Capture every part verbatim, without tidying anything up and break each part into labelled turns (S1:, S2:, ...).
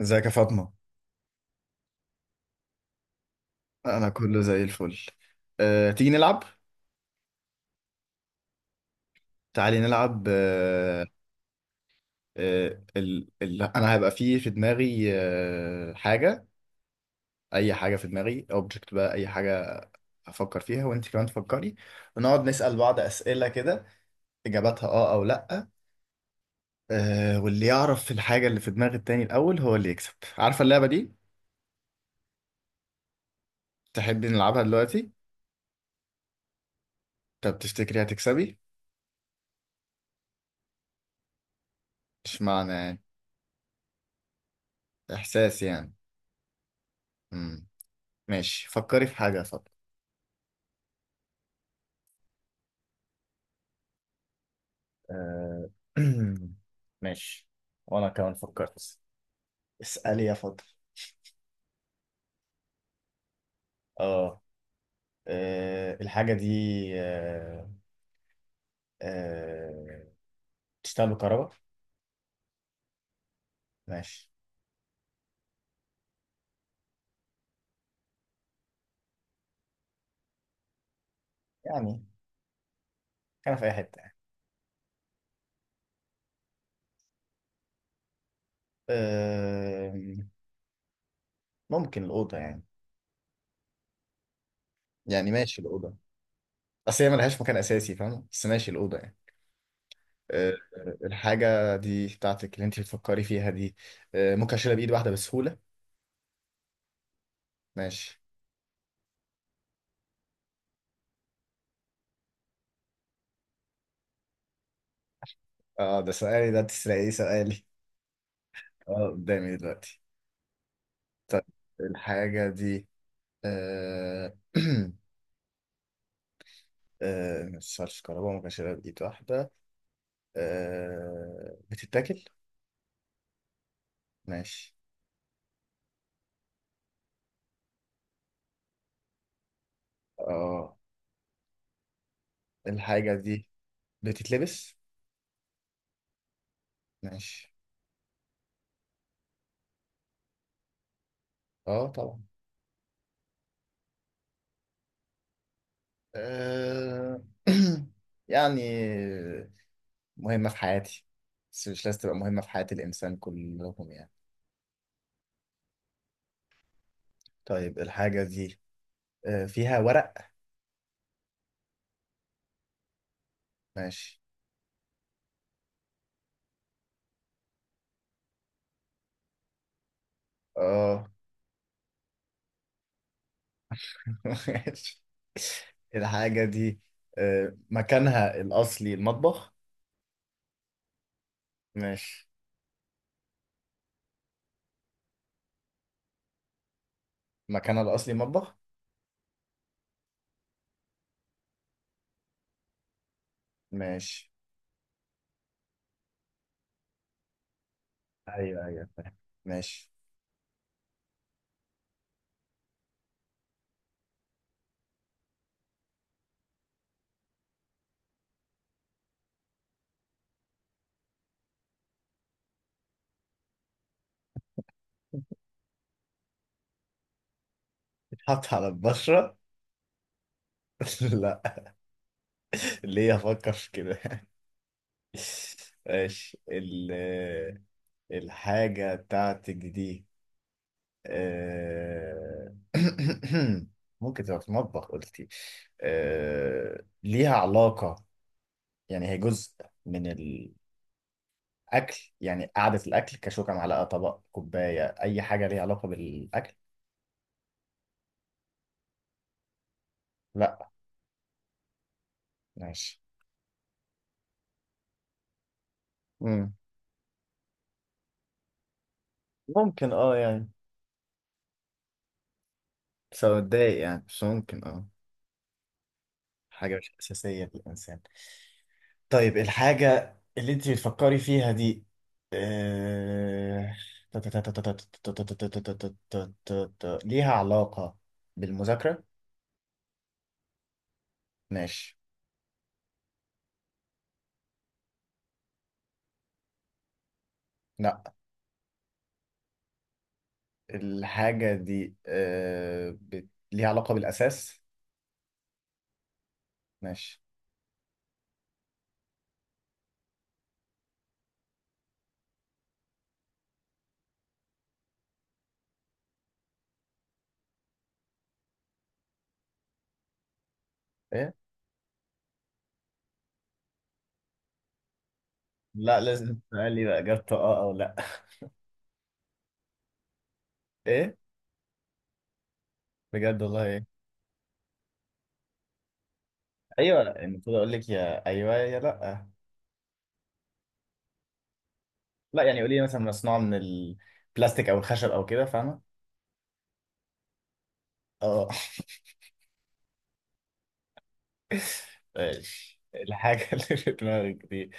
S1: ازيك يا فاطمة؟ انا كله زي الفل. أه، تيجي نلعب؟ تعالي نلعب. أه، أه، ال... ال... انا هيبقى فيه في دماغي أه، حاجة، اي حاجة في دماغي، اوبجكت بقى، اي حاجة افكر فيها وانت كمان تفكري، ونقعد نسأل بعض اسئلة كده، اجاباتها اه او لا. أه، واللي يعرف الحاجة اللي في دماغ التاني الاول هو اللي يكسب، عارفة اللعبة دي؟ تحبي نلعبها دلوقتي؟ طب تفتكري هتكسبي؟ مش معنى يعني، احساس يعني. مم. ماشي، فكري في حاجة يا فاطمة. آه، ماشي، وانا كمان فكرت. اسألي يا فضل. اه، آه، الحاجة دي. آه، آه، بتشتغل بكهرباء؟ ماشي. يعني كان في اي حتة يعني؟ آه، ممكن الأوضة يعني، يعني ماشي الأوضة. اصل هي ملهاش مكان اساسي فاهم، بس ماشي الأوضة يعني. آه، آه، الحاجة دي بتاعتك اللي انت بتفكري فيها دي، آه، ممكن اشيلها بإيد واحدة بسهولة؟ ماشي. اه ده سؤالي، ده تسرقي سؤالي. اه قدامي دلوقتي. طيب الحاجة دي آه آه مش كهرباء، ما كانش بإيد واحدة. آه بتتاكل؟ ماشي. اه الحاجة دي بتتلبس؟ ماشي. اه طبعا. آه يعني مهمة في حياتي، بس مش لازم تبقى مهمة في حياة الإنسان كلهم يعني. طيب الحاجة دي آه فيها ورق؟ ماشي. اه ماشي. الحاجة دي آه، مكانها الأصلي المطبخ؟ ماشي. مكانها الأصلي مطبخ؟ ماشي. أيوه أيوه فاهم. ماشي. بتتحط على البشرة؟ لا. ليه أفكر في كده؟ ماشي. ال الحاجة بتاعتك دي، آه، ممكن تبقى في المطبخ قلتي، آه، ليها علاقة يعني هي جزء من اكل يعني؟ قعده الاكل كشوكه معلقه طبق كوبايه، اي حاجه ليها علاقه بالاكل. لا، ماشي. مم. ممكن اه يعني، بس اتضايق يعني، بس ممكن اه. حاجه مش اساسيه في الانسان. طيب الحاجه اللي انت بتفكري فيها دي، آه، ليها علاقه بالمذاكره؟ ماشي. لا. الحاجه دي آه، بت- ليها علاقه بالاساس؟ ماشي. إيه؟ لا لازم تقول لي بقى اجابته اه او لا. ايه؟ بجد والله ايه؟ ايوه لا، المفروض اقول لك يا ايوه يا لا. لا يعني قولي لي مثلا مصنوع من البلاستيك او الخشب او كده فاهمه. اه ماشي. الحاجه اللي في دماغك دي،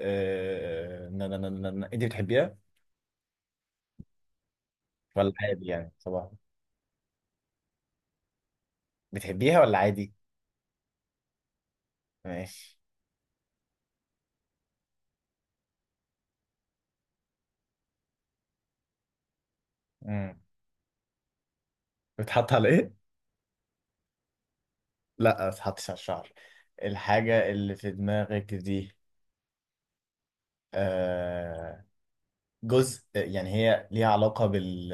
S1: آه، نا- نا- نا- نا- نا. انت بتحبيها ولا عادي يعني صباح؟ بتحبيها ولا عادي؟ ماشي. امم، بتحط على ايه؟ لا ما بتحطش على الشعر. الحاجه اللي في دماغك دي، آه، جزء يعني هي ليها علاقة بال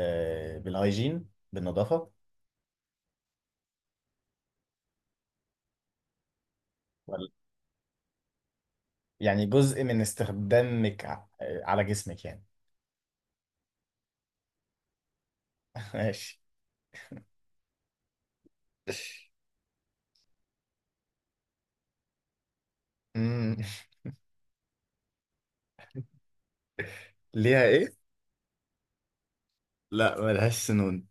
S1: بالهايجين بالنظافة ولا؟ يعني جزء من استخدامك ع- على جسمك يعني؟ ماشي. أمم، ليها ايه؟ لا ملهاش سنون.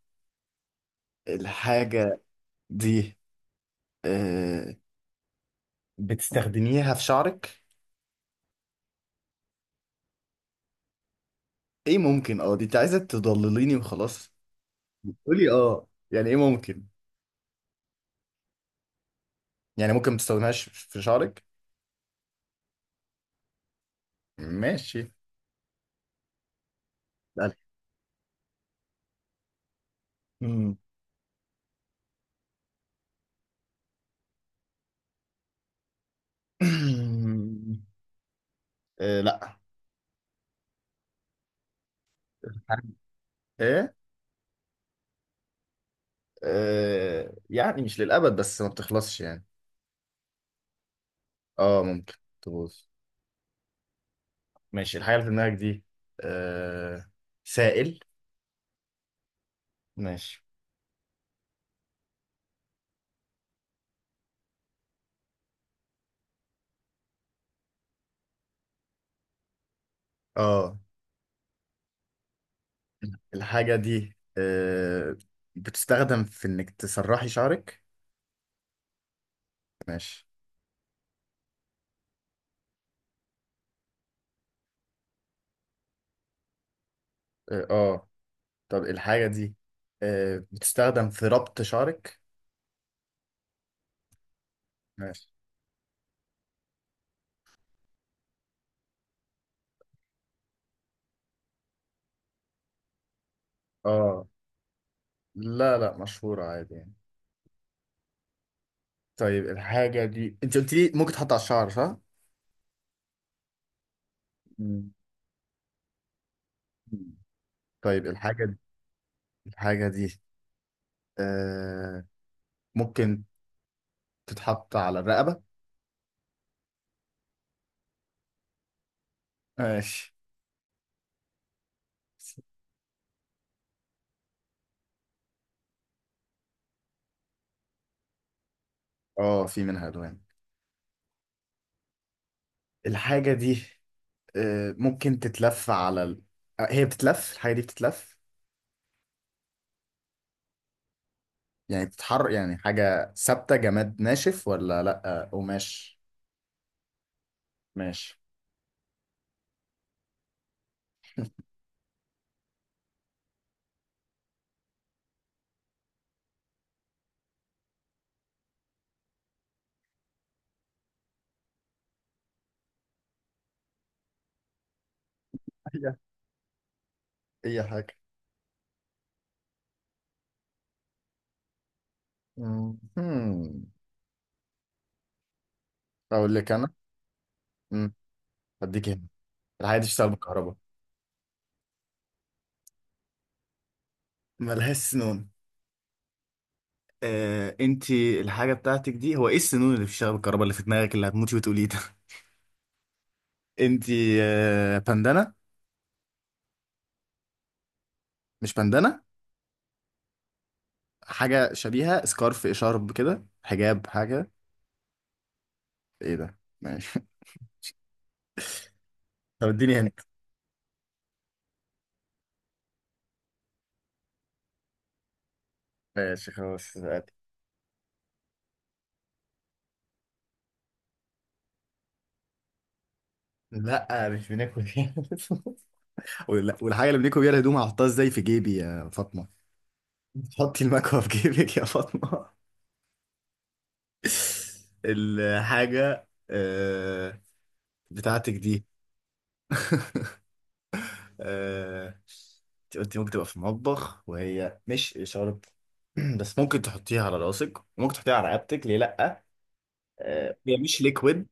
S1: الحاجة دي آه، بتستخدميها في شعرك؟ ايه ممكن اه؟ دي انت عايزة تضلليني وخلاص. قولي اه، يعني ايه ممكن؟ يعني ممكن ما تستخدمهاش في شعرك؟ ماشي. لا. أمم. آه، لا. ايه؟ آه يعني مش للأبد بس ما بتخلصش يعني. اه ممكن تبوظ. ماشي. الحاجة اللي في دماغك دي آه سائل؟ ماشي. اه الحاجة دي آه بتستخدم في انك تسرحي شعرك؟ ماشي. اه آه. طب الحاجة دي آه بتستخدم في ربط شعرك؟ ماشي. اه لا لا، مشهورة عادي يعني. طيب الحاجة دي انت قلت لي ممكن تحط على الشعر صح؟ مم. طيب الحاجة دي، الحاجة دي آه ممكن تتحط على الرقبة؟ ماشي. اه في منها ألوان. الحاجة دي آه ممكن تتلف على ال... آه، هي بتتلف، الحاجة دي بتتلف يعني بتتحرك يعني، حاجة ثابتة جماد ناشف ولا لأ؟ آه، قماش؟ ماشي. أيوة. أي حاجة. مم. أقول لك أنا. مم. أديك هنا. الحاجة دي بتشتغل بالكهرباء، ملهاش سنون. آه، انتي الحاجة بتاعتك دي هو ايه السنون اللي بتشتغل بالكهرباء اللي في دماغك اللي هتموتي وتقوليه ده؟ انتي آه، بندانة؟ مش بندانة؟ حاجة شبيهة سكارف شارب كده، حجاب، حاجة؟ ايه ده؟ ماشي. طب اديني هنت. ماشي خلاص عادي. لا مش بناكل فيها. ولا- والحاجة اللي بناكل بيها الهدوم هحطها ازاي في جيبي يا فاطمة؟ حطي المكوى في جيبك يا فاطمة. الحاجة آه، بتاعتك دي، آه، انت قلتي ممكن تبقى في المطبح وهي مش إشارة. بس ممكن تحطيها على راسك وممكن تحطيها على رقبتك ليه لأ؟ آه، هي مش ليكويد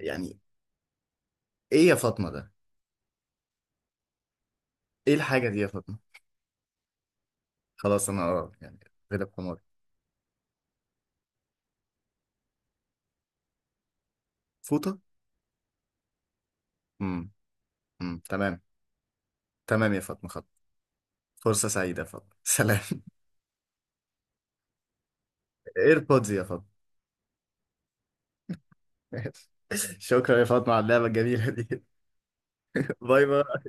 S1: يعني. ايه يا فاطمه ده؟ ايه الحاجه دي يا فاطمه؟ خلاص انا اه يعني، غلب حماري. فوطه؟ امم، امم، تمام. تمام يا فاطمه، خط. فرصه سعيده يا فاطمه، سلام. ايربودز يا فاطمه. شكرا يا فاطمه على اللعبه الجميله دي. باي باي.